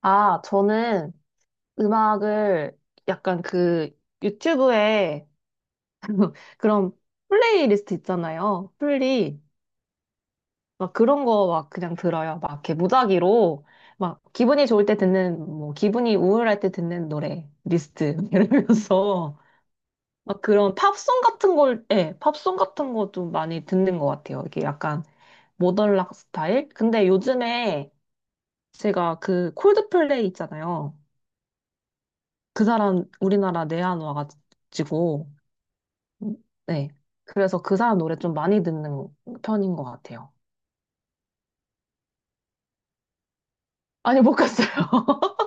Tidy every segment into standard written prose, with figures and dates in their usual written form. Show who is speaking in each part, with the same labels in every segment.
Speaker 1: 아, 저는 음악을 약간 그 유튜브에 그런 플레이리스트 있잖아요. 플리. 막 그런 거 막 그냥 들어요. 막 이렇게 무작위로. 막 기분이 좋을 때 듣는, 뭐 기분이 우울할 때 듣는 노래 리스트. 이러면서 막 그런 팝송 같은 걸, 예, 팝송 같은 거 좀 많이 듣는 것 같아요. 이게 약간 모던 락 스타일? 근데 요즘에 제가 그 콜드플레이 있잖아요. 그 사람 우리나라 내한 와가지고 음, 네. 그래서 그 사람 노래 좀 많이 듣는 편인 것 같아요. 아니 못 갔어요.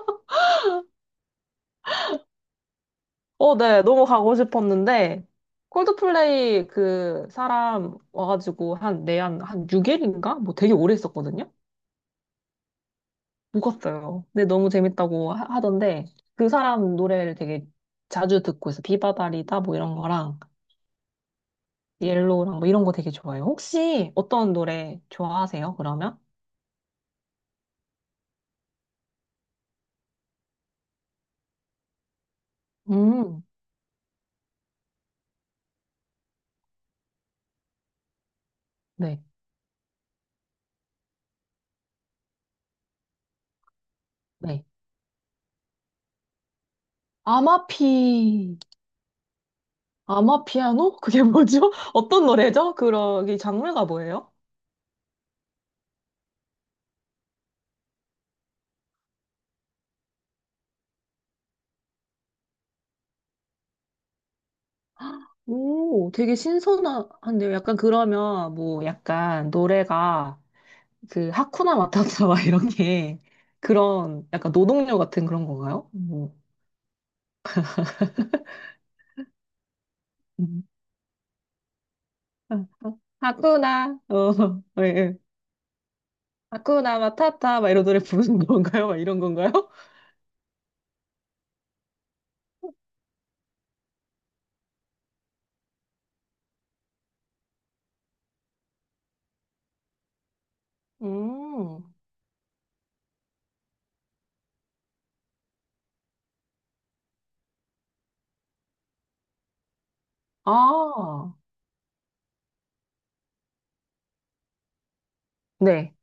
Speaker 1: 어, 네. 너무 가고 싶었는데 콜드플레이 그 사람 와가지고 한 내한 한 6일인가 뭐 되게 오래 있었거든요. 못 갔어요. 근데 너무 재밌다고 하던데 그 사람 노래를 되게 자주 듣고 있어. 비바다리다 뭐 이런 거랑 옐로우랑 뭐 이런 거 되게 좋아해요. 혹시 어떤 노래 좋아하세요? 그러면? 음. 네. 네. 아마피, 아마피아노? 그게 뭐죠? 어떤 노래죠? 그런, 이 장르가 뭐예요? 오, 되게 신선한데요. 약간 그러면 뭐 약간 노래가 그 하쿠나 마타타 막 이런 게 그런 약간 노동요 같은 그런 건가요? 뭐 음. 아, 아, 하쿠나 어, 예, 예. 하쿠나 마타타 막 이런 노래 부르는 건가요? 막 이런 건가요? 음, 아, 네.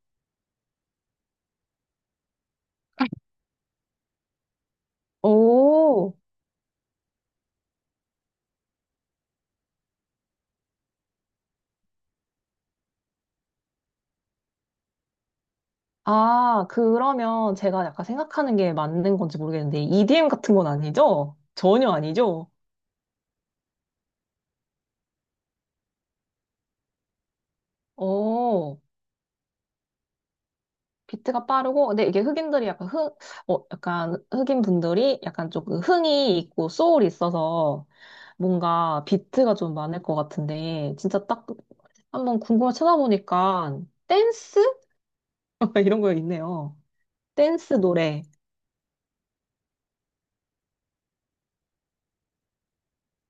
Speaker 1: 오. 아, 그러면 제가 약간 생각하는 게 맞는 건지 모르겠는데, EDM 같은 건 아니죠? 전혀 아니죠? 어, 비트가 빠르고, 근데 이게 흑인들이 약간 흑, 어, 약간 흑인 분들이 약간 좀그 흥이 있고 소울이 있어서 뭔가 비트가 좀 많을 것 같은데, 진짜 딱 한번 궁금해 찾아보니까 댄스? 이런 거 있네요. 댄스 노래.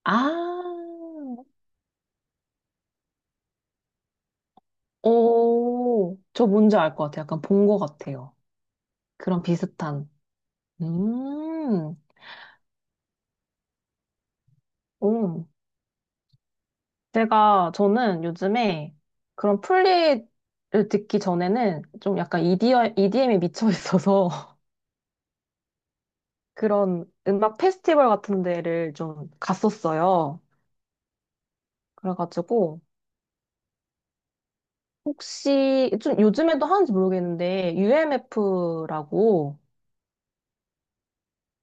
Speaker 1: 아, 오, 저 뭔지 알 것 같아요. 약간 본 것 같아요. 그런 비슷한. 음, 오. 저는 요즘에 그런 플리를 듣기 전에는 좀 약간 EDM에 미쳐 있어서 그런 음악 페스티벌 같은 데를 좀 갔었어요. 그래가지고, 혹시, 좀 요즘에도 하는지 모르겠는데, UMF라고,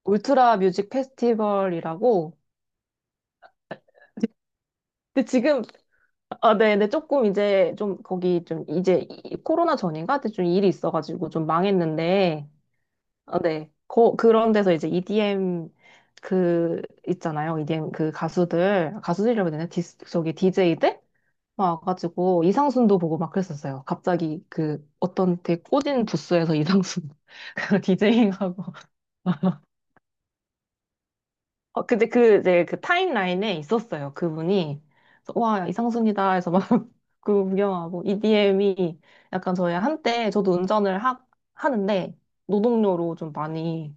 Speaker 1: 울트라 뮤직 페스티벌이라고, 근데 지금, 아, 네네, 조금 이제 좀 거기 좀 이제 코로나 전인가? 그때 좀 일이 있어가지고 좀 망했는데, 아, 네. 거, 그런 데서 이제 EDM 그 있잖아요. EDM 그 가수들이라고 해야 되나? 디스, 저기 DJ들 막 와가지고 이상순도 보고 막 그랬었어요. 갑자기 그 어떤 되게 꼬진 부스에서 이상순 그 디제잉하고 어, 근데 그 이제 그 타임라인에 있었어요. 그분이. 그래서 와 이상순이다 해서 막 그거 구경하고 EDM이 약간 저희 한때 저도 운전을 하는데 노동요로 좀 많이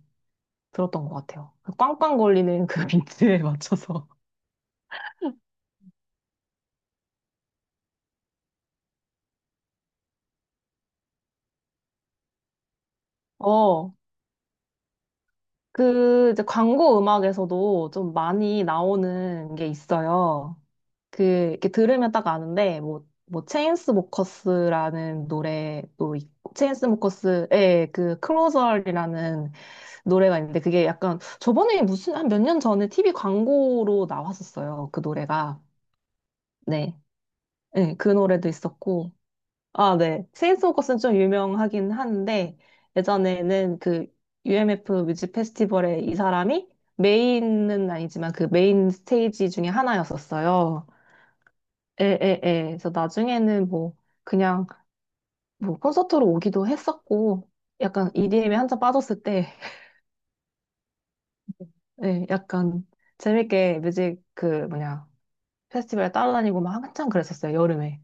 Speaker 1: 들었던 것 같아요. 그 꽝꽝 걸리는 그 비트에 맞춰서. 어, 그 이제 광고 음악에서도 좀 많이 나오는 게 있어요. 그 이렇게 들으면 딱 아는데 뭐 뭐 체인스모커스라는 노래도 있고 체인스모커스의 그 클로저이라는 노래가 있는데 그게 약간 저번에 무슨 한 몇 년 전에 TV 광고로 나왔었어요. 그 노래가. 네. 네, 그 노래도 있었고 아, 네. 체인소 커스는좀 유명하긴 한데, 예전에는 그 UMF 뮤직 페스티벌에 이 사람이 메인은 아니지만 그 메인 스테이지 중에 하나였었어요. 에, 에, 에. 그래서 나중에는 뭐 그냥 뭐 콘서트로 오기도 했었고, 약간 EDM에 한참 빠졌을 때, 예, 약간 재밌게 뮤직 그 뭐냐, 페스티벌에 따라다니고 막 한참 그랬었어요, 여름에.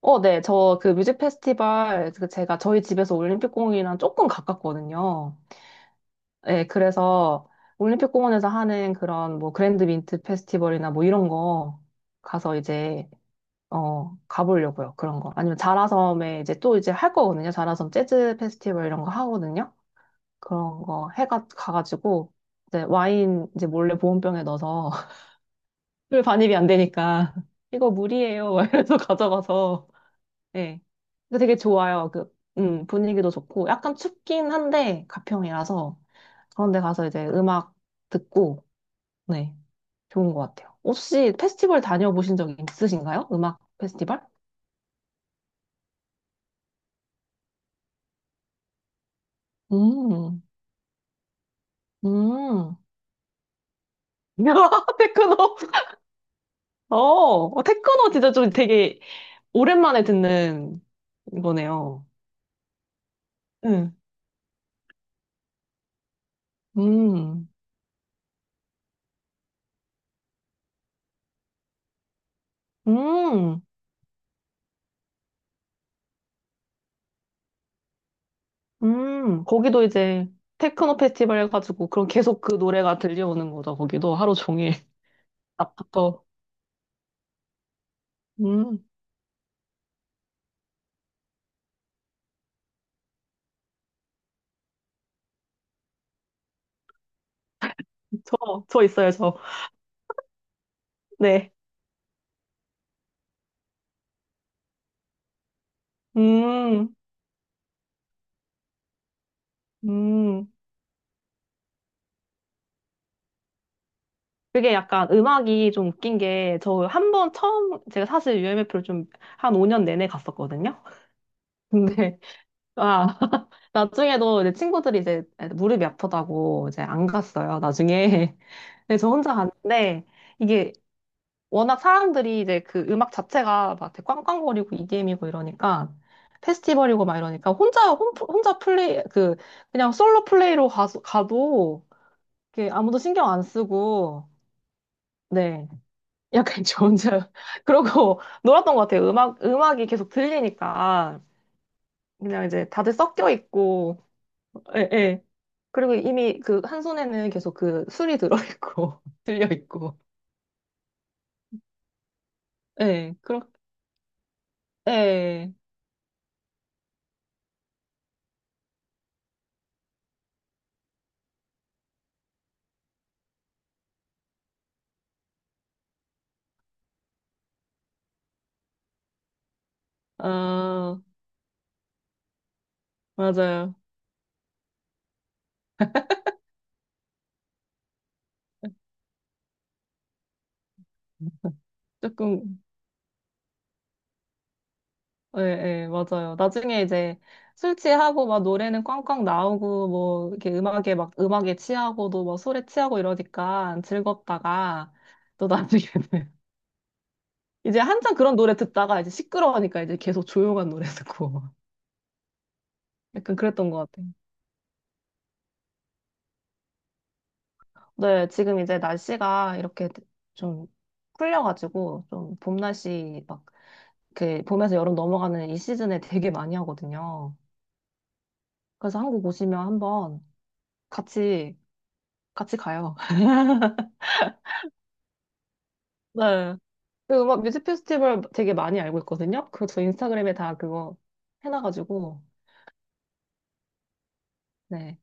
Speaker 1: 어, 네. 저 그 뮤직 페스티벌 그 제가 저희 집에서 올림픽공원이랑 조금 가깝거든요. 예, 그래서 올림픽공원에서 하는 그런 뭐 그랜드 민트 페스티벌이나 뭐 이런 거 가서 이제 어 가보려고요. 그런 거. 아니면 자라섬에 이제 또 이제 할 거거든요. 자라섬 재즈 페스티벌 이런 거 하거든요. 그런 거 해가 가가지고 이제 와인 이제 몰래 보온병에 넣어서 술 반입이 안 되니까 이거 물이에요. 막 이래서 가져가서 예. 근데 되게 좋아요. 그 분위기도 좋고 약간 춥긴 한데 가평이라서 그런데 가서 이제 음악 듣고 네. 좋은 것 같아요. 혹시 페스티벌 다녀보신 적 있으신가요? 음악 페스티벌? 음, 음. 야, 테크노. 어, 어, 테크노 진짜 좀 되게 오랜만에 듣는 거네요. 응. 음, 음, 거기도 이제 테크노 페스티벌 해가지고 그럼 계속 그 노래가 들려오는 거죠. 거기도 하루 종일. 앞부터. 음, 저 있어요, 저. 네. 음, 음. 그게 약간 음악이 좀 웃긴 게, 저 한 번 처음, 제가 사실 UMF를 좀 한 5년 내내 갔었거든요? 근데, 아, 나중에도 이제 친구들이 이제 무릎이 아프다고 이제 안 갔어요, 나중에. 근데 저 혼자 갔는데, 이게 워낙 사람들이 이제 그 음악 자체가 막 되게 꽝꽝거리고 EDM이고 이러니까, 페스티벌이고 막 이러니까, 혼자 플레이, 그, 그냥 솔로 플레이로 가도, 이렇게 아무도 신경 안 쓰고, 네. 약간 저 혼자 그러고 놀았던 것 같아요. 음악이 계속 들리니까. 그냥 이제 다들 섞여 있고, 예, 예. 그리고 이미 그 한 손에는 계속 그 술이 들어있고, 들려있고, 예, 그렇, 예, 아, 맞아요. 조금, 예, 예, 맞아요. 나중에 이제 술 취하고 막 노래는 꽝꽝 나오고, 뭐, 이렇게 음악에 막, 음악에 취하고도 막 술에 취하고 이러니까 즐겁다가, 또 나중에는 이제 한참 그런 노래 듣다가 이제 시끄러우니까 이제 계속 조용한 노래 듣고 약간 그랬던 것 같아요. 네, 지금 이제 날씨가 이렇게 좀 풀려가지고 좀 봄 날씨 막 그 봄에서 여름 넘어가는 이 시즌에 되게 많이 하거든요. 그래서 한국 오시면 한번 같이 같이 가요. 네. 그 음악 뮤직 페스티벌 되게 많이 알고 있거든요. 그거 저 인스타그램에 다 그거 해놔가지고 네.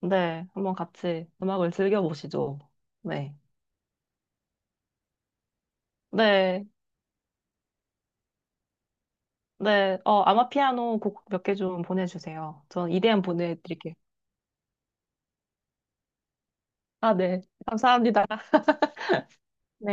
Speaker 1: 네, 한번 같이 음악을 즐겨보시죠. 네. 네. 네, 어, 아마피아노 곡 몇 개 좀 보내주세요. 전 이대한 보내드릴게요. 아, 네. 감사합니다. 네.